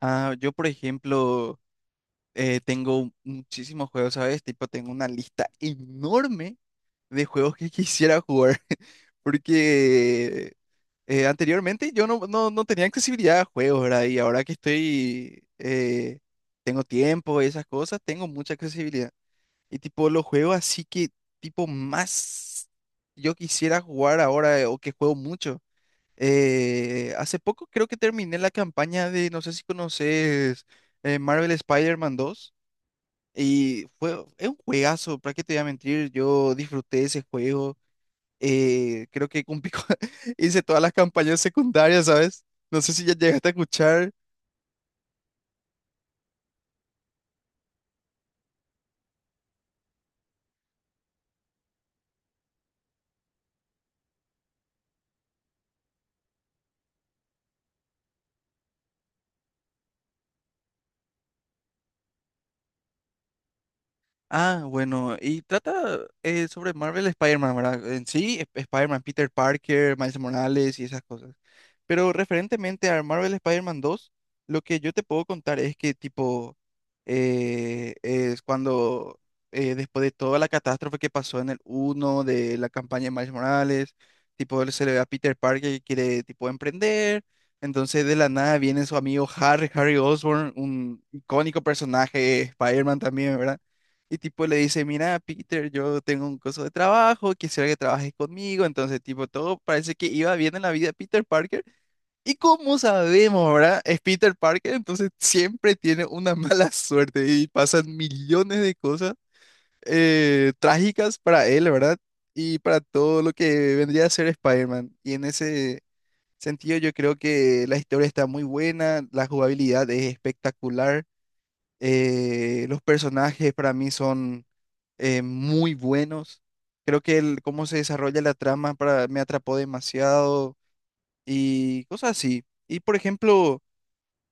Ah, yo, por ejemplo, tengo muchísimos juegos, ¿sabes? Tipo, tengo una lista enorme de juegos que quisiera jugar, porque anteriormente yo no tenía accesibilidad a juegos, ¿verdad? Y ahora que estoy, tengo tiempo y esas cosas, tengo mucha accesibilidad. Y tipo, los juegos así que, tipo, más yo quisiera jugar ahora o que juego mucho. Hace poco creo que terminé la campaña de, no sé si conoces Marvel Spider-Man 2, y fue, es un juegazo, para qué te voy a mentir, yo disfruté ese juego, creo que hice todas las campañas secundarias, ¿sabes? No sé si ya llegaste a escuchar. Ah, bueno, y trata sobre Marvel Spider-Man, ¿verdad? En sí, Spider-Man, Peter Parker, Miles Morales y esas cosas. Pero referentemente a Marvel Spider-Man 2, lo que yo te puedo contar es que tipo es cuando después de toda la catástrofe que pasó en el uno de la campaña de Miles Morales, tipo él se le ve a Peter Parker que quiere tipo emprender, entonces de la nada viene su amigo Harry, Harry Osborn, un icónico personaje de Spider-Man también, ¿verdad? Y tipo le dice, mira, Peter, yo tengo un coso de trabajo, quisiera que trabajes conmigo. Entonces, tipo, todo parece que iba bien en la vida de Peter Parker. Y como sabemos, ¿verdad? Es Peter Parker, entonces siempre tiene una mala suerte y pasan millones de cosas trágicas para él, ¿verdad? Y para todo lo que vendría a ser Spider-Man. Y en ese sentido, yo creo que la historia está muy buena, la jugabilidad es espectacular, los personajes para mí son muy buenos. Creo que el cómo se desarrolla la trama para, me atrapó demasiado y cosas así. Y por ejemplo,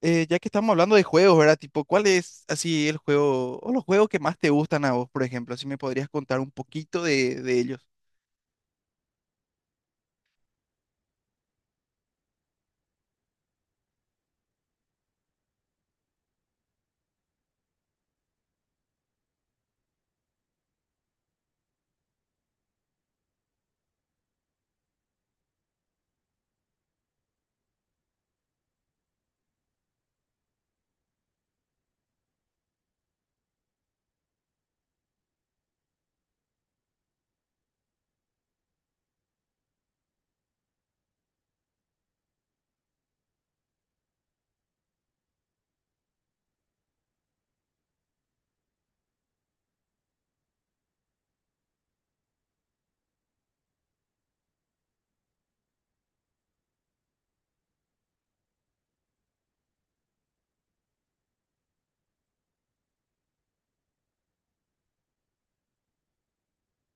ya que estamos hablando de juegos, ¿verdad? Tipo, ¿cuál es así el juego o los juegos que más te gustan a vos, por ejemplo? Así me podrías contar un poquito de ellos.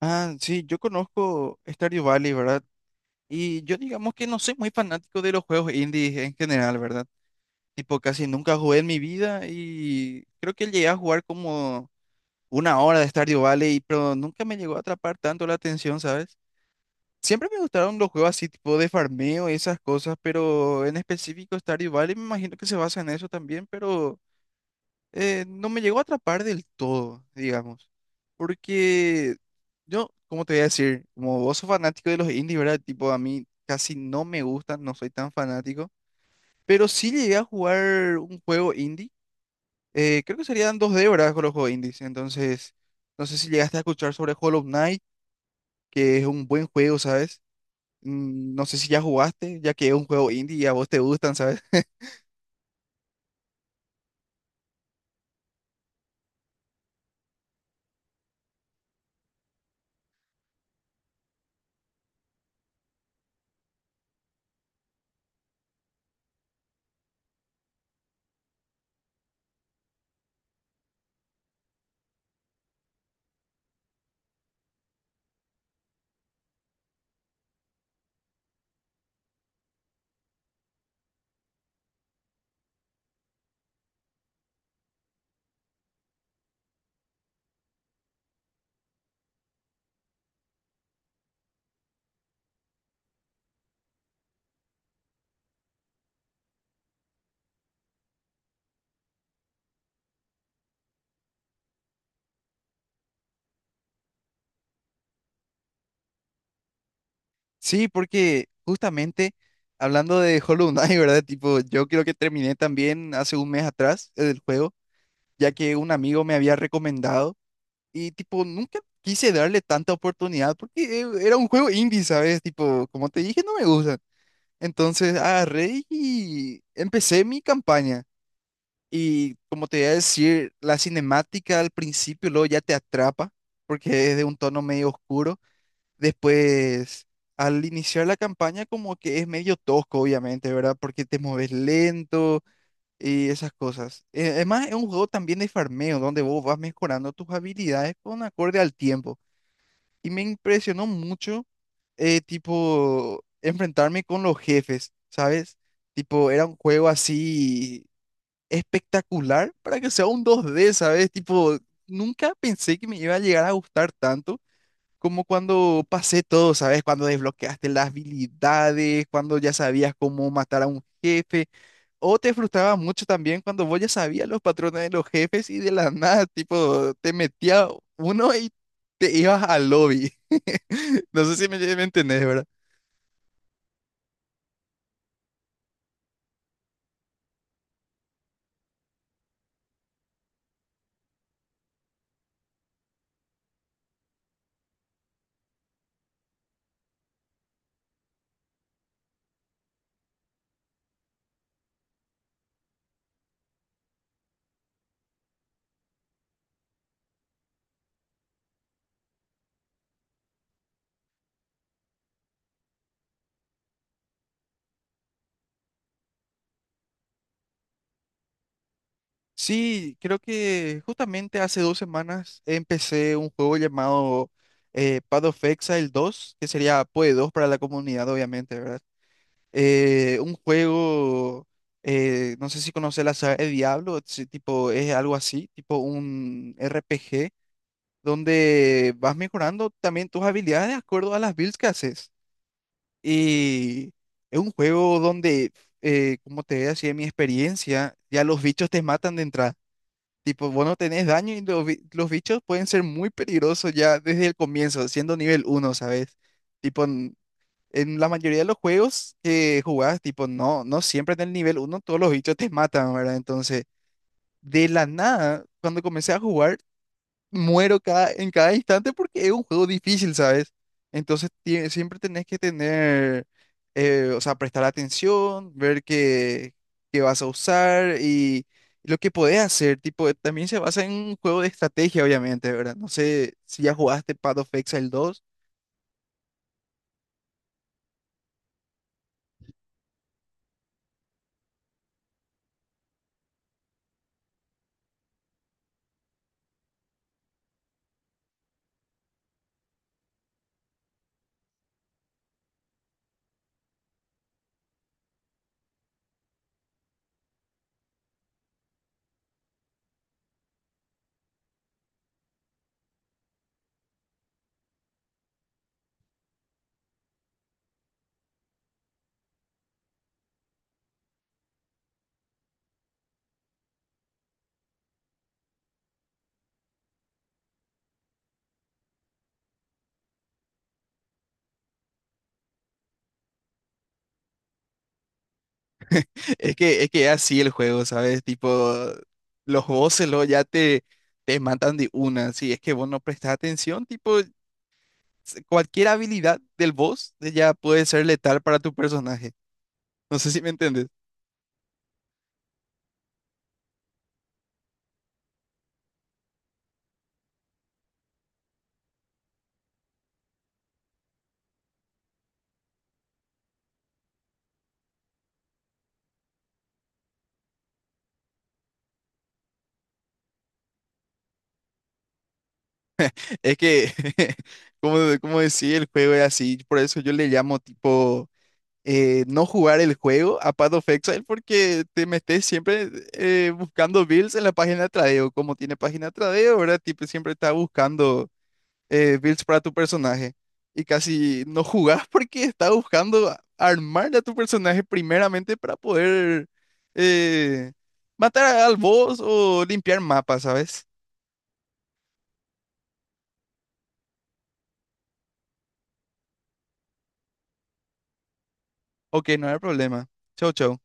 Ah, sí, yo conozco Stardew Valley, ¿verdad? Y yo digamos que no soy muy fanático de los juegos indies en general, ¿verdad? Tipo, casi nunca jugué en mi vida y creo que llegué a jugar como una hora de Stardew Valley, pero nunca me llegó a atrapar tanto la atención, ¿sabes? Siempre me gustaron los juegos así tipo de farmeo y esas cosas, pero en específico Stardew Valley me imagino que se basa en eso también, pero no me llegó a atrapar del todo, digamos. Porque yo, como te voy a decir? Como vos sos fanático de los indies, ¿verdad? Tipo, a mí casi no me gustan, no soy tan fanático, pero sí llegué a jugar un juego indie. Creo que serían dos Débora con los juegos indies. Entonces, no sé si llegaste a escuchar sobre Hollow Knight, que es un buen juego, ¿sabes? Mm, no sé si ya jugaste, ya que es un juego indie y a vos te gustan, ¿sabes? Sí, porque justamente hablando de Hollow Knight, ¿verdad? Tipo, yo creo que terminé también hace un mes atrás el juego, ya que un amigo me había recomendado y tipo, nunca quise darle tanta oportunidad porque era un juego indie, ¿sabes? Tipo, como te dije, no me gusta. Entonces agarré y empecé mi campaña. Y como te iba a decir, la cinemática al principio luego ya te atrapa porque es de un tono medio oscuro. Después, al iniciar la campaña como que es medio tosco, obviamente, ¿verdad? Porque te mueves lento y esas cosas. Además, es un juego también de farmeo donde vos vas mejorando tus habilidades con acorde al tiempo. Y me impresionó mucho, tipo, enfrentarme con los jefes, ¿sabes? Tipo, era un juego así espectacular para que sea un dos d, ¿sabes? Tipo, nunca pensé que me iba a llegar a gustar tanto como cuando pasé todo, ¿sabes? Cuando desbloqueaste las habilidades, cuando ya sabías cómo matar a un jefe, o te frustraba mucho también cuando vos ya sabías los patrones de los jefes y de la nada, tipo, te metía uno y te ibas al lobby. No sé si me, me entendés, ¿verdad? Sí, creo que justamente hace dos semanas empecé un juego llamado Path of Exile 2, que sería PoE 2 para la comunidad, obviamente, ¿verdad? Un juego, no sé si conoces la saga de Diablo, si tipo, es algo así, tipo un RPG, donde vas mejorando también tus habilidades de acuerdo a las builds que haces. Y es un juego donde, como te decía, mi experiencia, ya los bichos te matan de entrada. Tipo, vos no tenés daño y los, los bichos pueden ser muy peligrosos ya desde el comienzo, siendo nivel uno, ¿sabes? Tipo, en la mayoría de los juegos que jugás, tipo, no, no siempre en el nivel uno todos los bichos te matan, ¿verdad? Entonces, de la nada, cuando comencé a jugar, muero cada, en cada instante porque es un juego difícil, ¿sabes? Entonces siempre tenés que tener, o sea, prestar atención, ver qué, qué vas a usar y lo que podés hacer. Tipo, también se basa en un juego de estrategia, obviamente, ¿verdad? No sé si ya jugaste Path of Exile dos. Es que es así el juego, ¿sabes? Tipo, los bosses luego ya te matan de una. Si es que vos no prestás atención, tipo, cualquier habilidad del boss ya puede ser letal para tu personaje. No sé si me entiendes. Es que, como, como decía, el juego es así. Por eso yo le llamo tipo no jugar el juego a Path of Exile porque te metes siempre buscando builds en la página de tradeo. Como tiene página de tradeo, ¿verdad? Tipo, siempre está buscando builds para tu personaje y casi no jugás porque estás buscando armarle a tu personaje primeramente para poder eh, matar al boss o limpiar mapas, ¿sabes? Ok, no hay problema. Chau, chau.